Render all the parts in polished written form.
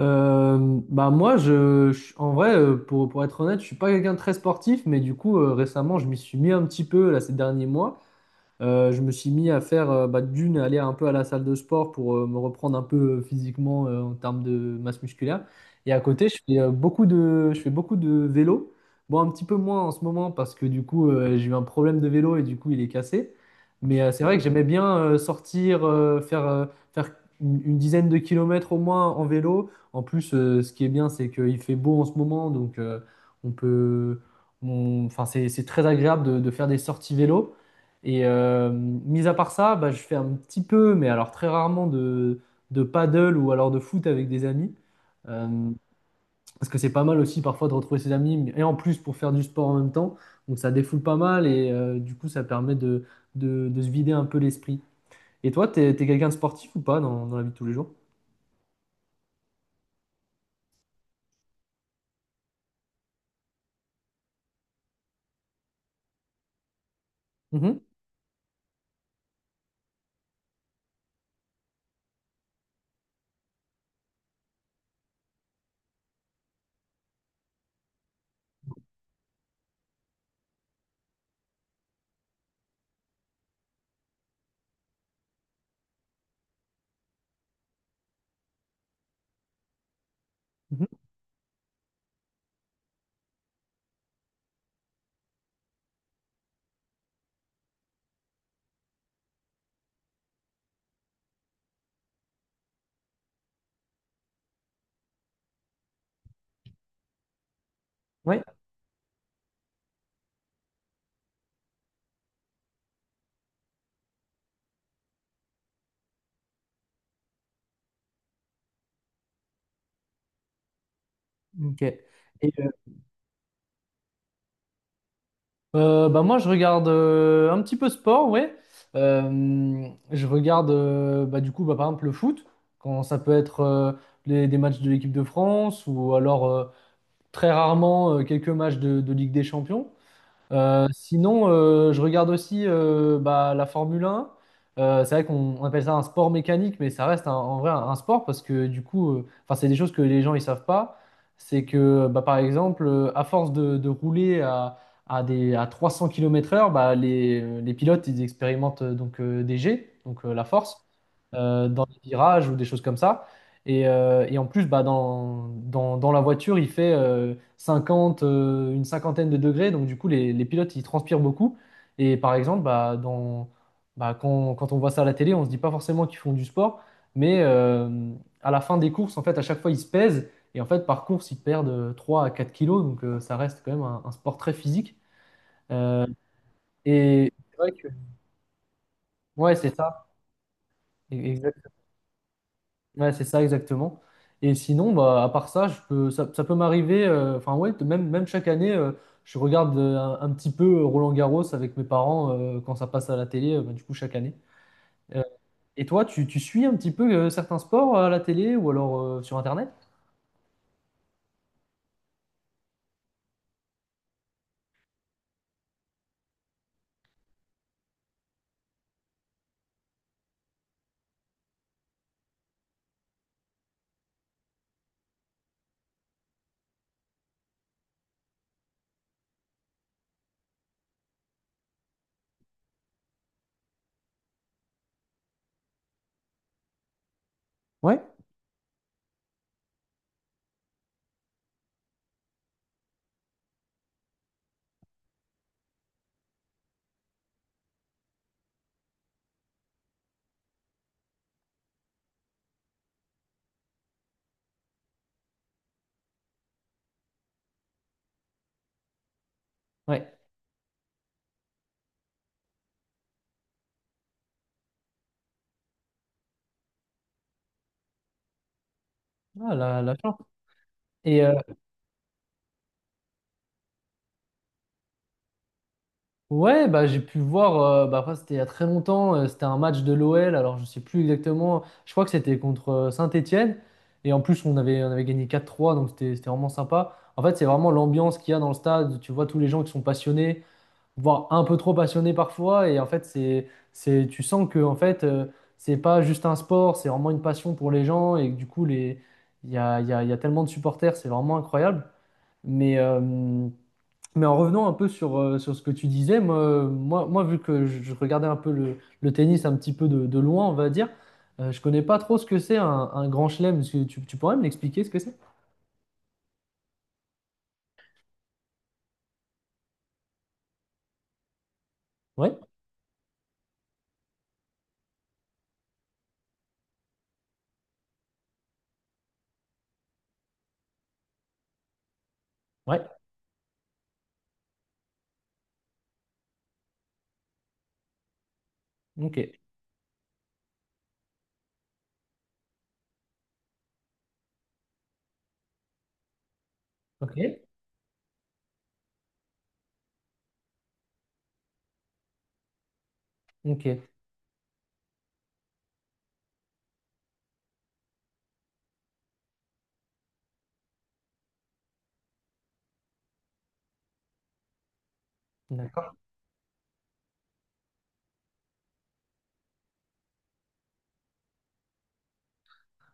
Euh, bah moi, en vrai, pour être honnête, je suis pas quelqu'un de très sportif, mais du coup, récemment, je m'y suis mis un petit peu là, ces derniers mois. Je me suis mis à faire bah, d'une, aller un peu à la salle de sport pour me reprendre un peu physiquement en termes de masse musculaire. Et à côté, je fais beaucoup de vélo. Bon, un petit peu moins en ce moment parce que du coup, j'ai eu un problème de vélo et du coup, il est cassé. Mais c'est vrai que j'aimais bien sortir, faire une dizaine de kilomètres au moins en vélo. En plus, ce qui est bien, c'est qu'il fait beau en ce moment, donc on peut, on- enfin, c'est très agréable de faire des sorties vélo. Et mis à part ça, bah, je fais un petit peu, mais alors très rarement, de paddle ou alors de foot avec des amis. Euh, parce que c'est pas mal aussi parfois de retrouver ses amis, et en plus pour faire du sport en même temps. Donc ça défoule pas mal et du coup ça permet de se vider un peu l'esprit. Et toi, t'es quelqu'un de sportif ou pas dans la vie de tous les jours? Mhm. Mhm. Ouais. Ok. Et, bah moi, je regarde un petit peu sport, ouais. Je regarde, bah, du coup, bah, par exemple, le foot, quand ça peut être des matchs de l'équipe de France ou alors très rarement quelques matchs de Ligue des Champions. Sinon, je regarde aussi bah, la Formule 1. C'est vrai qu'on on appelle ça un sport mécanique, mais ça reste en vrai un sport parce que du coup, enfin, c'est des choses que les gens ils savent pas. C'est que bah, par exemple, à force de rouler à 300 km/h, bah, les pilotes ils expérimentent donc des jets, donc la force, dans les virages ou des choses comme ça. Et en plus, bah, dans la voiture, il fait 50, une cinquantaine de degrés. Donc, du coup, les pilotes, ils transpirent beaucoup. Et par exemple, bah, quand on voit ça à la télé, on se dit pas forcément qu'ils font du sport. Mais à la fin des courses, en fait, à chaque fois, ils se pèsent. Et en fait, par course, ils perdent 3 à 4 kilos. Donc, ça reste quand même un sport très physique. Euh, et c'est vrai que- ouais, c'est ça. E- Ouais, c'est ça exactement. Et sinon, bah, à part ça, ça peut m'arriver, enfin ouais, même chaque année, je regarde un petit peu Roland-Garros avec mes parents quand ça passe à la télé, bah, du coup chaque année. Euh, et toi, tu suis un petit peu certains sports à la télé ou alors sur Internet? Ouais. Ouais, ah, la chance. Et ouais, bah, j'ai pu voir, bah, après, c'était il y a très longtemps, c'était un match de l'OL, alors je sais plus exactement, je crois que c'était contre Saint-Étienne, et en plus on avait gagné 4-3. Donc c'était vraiment sympa. En fait, c'est vraiment l'ambiance qu'il y a dans le stade, tu vois tous les gens qui sont passionnés, voire un peu trop passionnés parfois, et en fait, tu sens que en fait, c'est pas juste un sport, c'est vraiment une passion pour les gens, et que, du coup, il y a tellement de supporters, c'est vraiment incroyable. Mais, euh, mais en revenant un peu sur, sur ce que tu disais, moi, vu que je regardais un peu le tennis un petit peu de loin, on va dire, je connais pas trop ce que c'est un grand chelem. Est-ce que tu pourrais me l'expliquer ce que c'est? Ouais, ouais, ok, ok, ok, d'accord.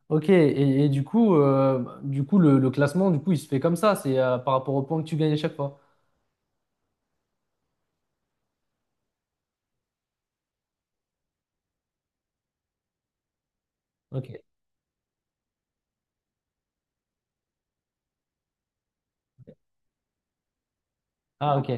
Ok, et du coup, le classement, du coup, il se fait comme ça, c'est par rapport aux points que tu gagnes à chaque fois. Ok, ah, ok,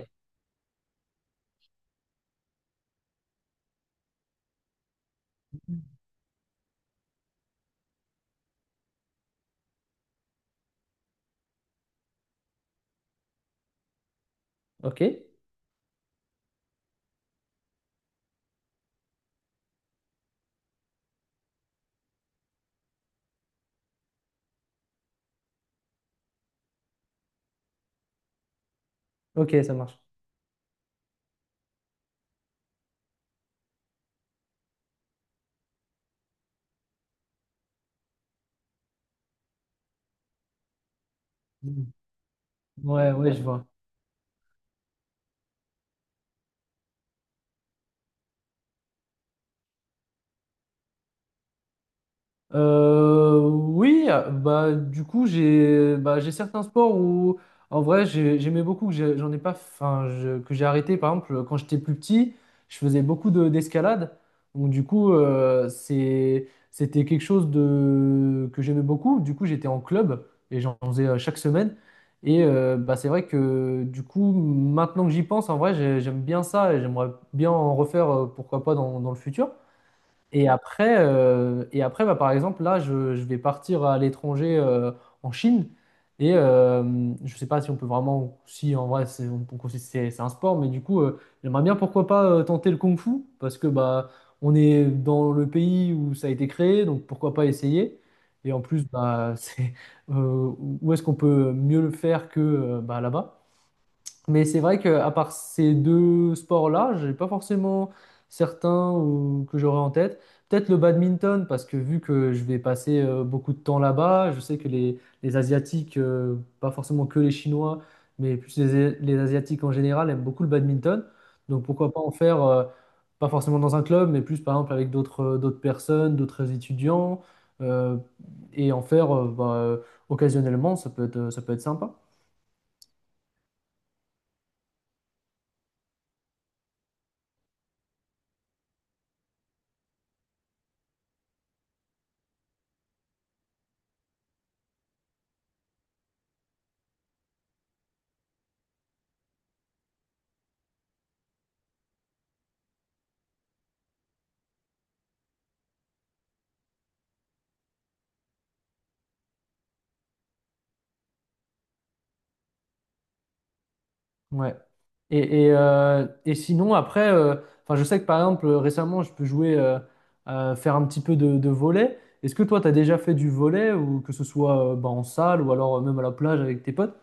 ok, ok, ça marche. Ouais, ouais, je vois. Oui, ah, bah du coup j'ai bah, j'ai certains sports où en vrai j'aimais beaucoup que j'ai- j'en ai pas enfin je- que j'ai arrêté par exemple quand j'étais plus petit, je faisais beaucoup de d'escalade. Donc du coup c'était quelque chose de que j'aimais beaucoup. Du coup, j'étais en club et j'en faisais chaque semaine et bah c'est vrai que du coup maintenant que j'y pense en vrai j'aime bien ça et j'aimerais bien en refaire pourquoi pas dans le futur. Et après, bah, par exemple, là, je vais partir à l'étranger en Chine. Et je ne sais pas si on peut vraiment, si en vrai, c'est on- considère- c'est un sport, mais du coup, j'aimerais bien, pourquoi pas, tenter le kung-fu, parce que bah, on est dans le pays où ça a été créé, donc pourquoi pas essayer. Et en plus, bah, c'est, où est-ce qu'on peut mieux le faire que bah, là-bas? Mais c'est vrai qu'à part ces deux sports-là, j'ai pas forcément certains que j'aurais en tête. Peut-être le badminton, parce que vu que je vais passer beaucoup de temps là-bas, je sais que les Asiatiques, pas forcément que les Chinois, mais plus les Asiatiques en général, aiment beaucoup le badminton. Donc pourquoi pas en faire, pas forcément dans un club, mais plus par exemple avec d'autres personnes, d'autres étudiants, euh, et en faire occasionnellement, ça peut être sympa. Ouais. Et, sinon, après, enfin, je sais que par exemple, récemment, faire un petit peu de volley. Est-ce que toi, tu as déjà fait du volley, ou que ce soit bah, en salle, ou alors même à la plage avec tes potes?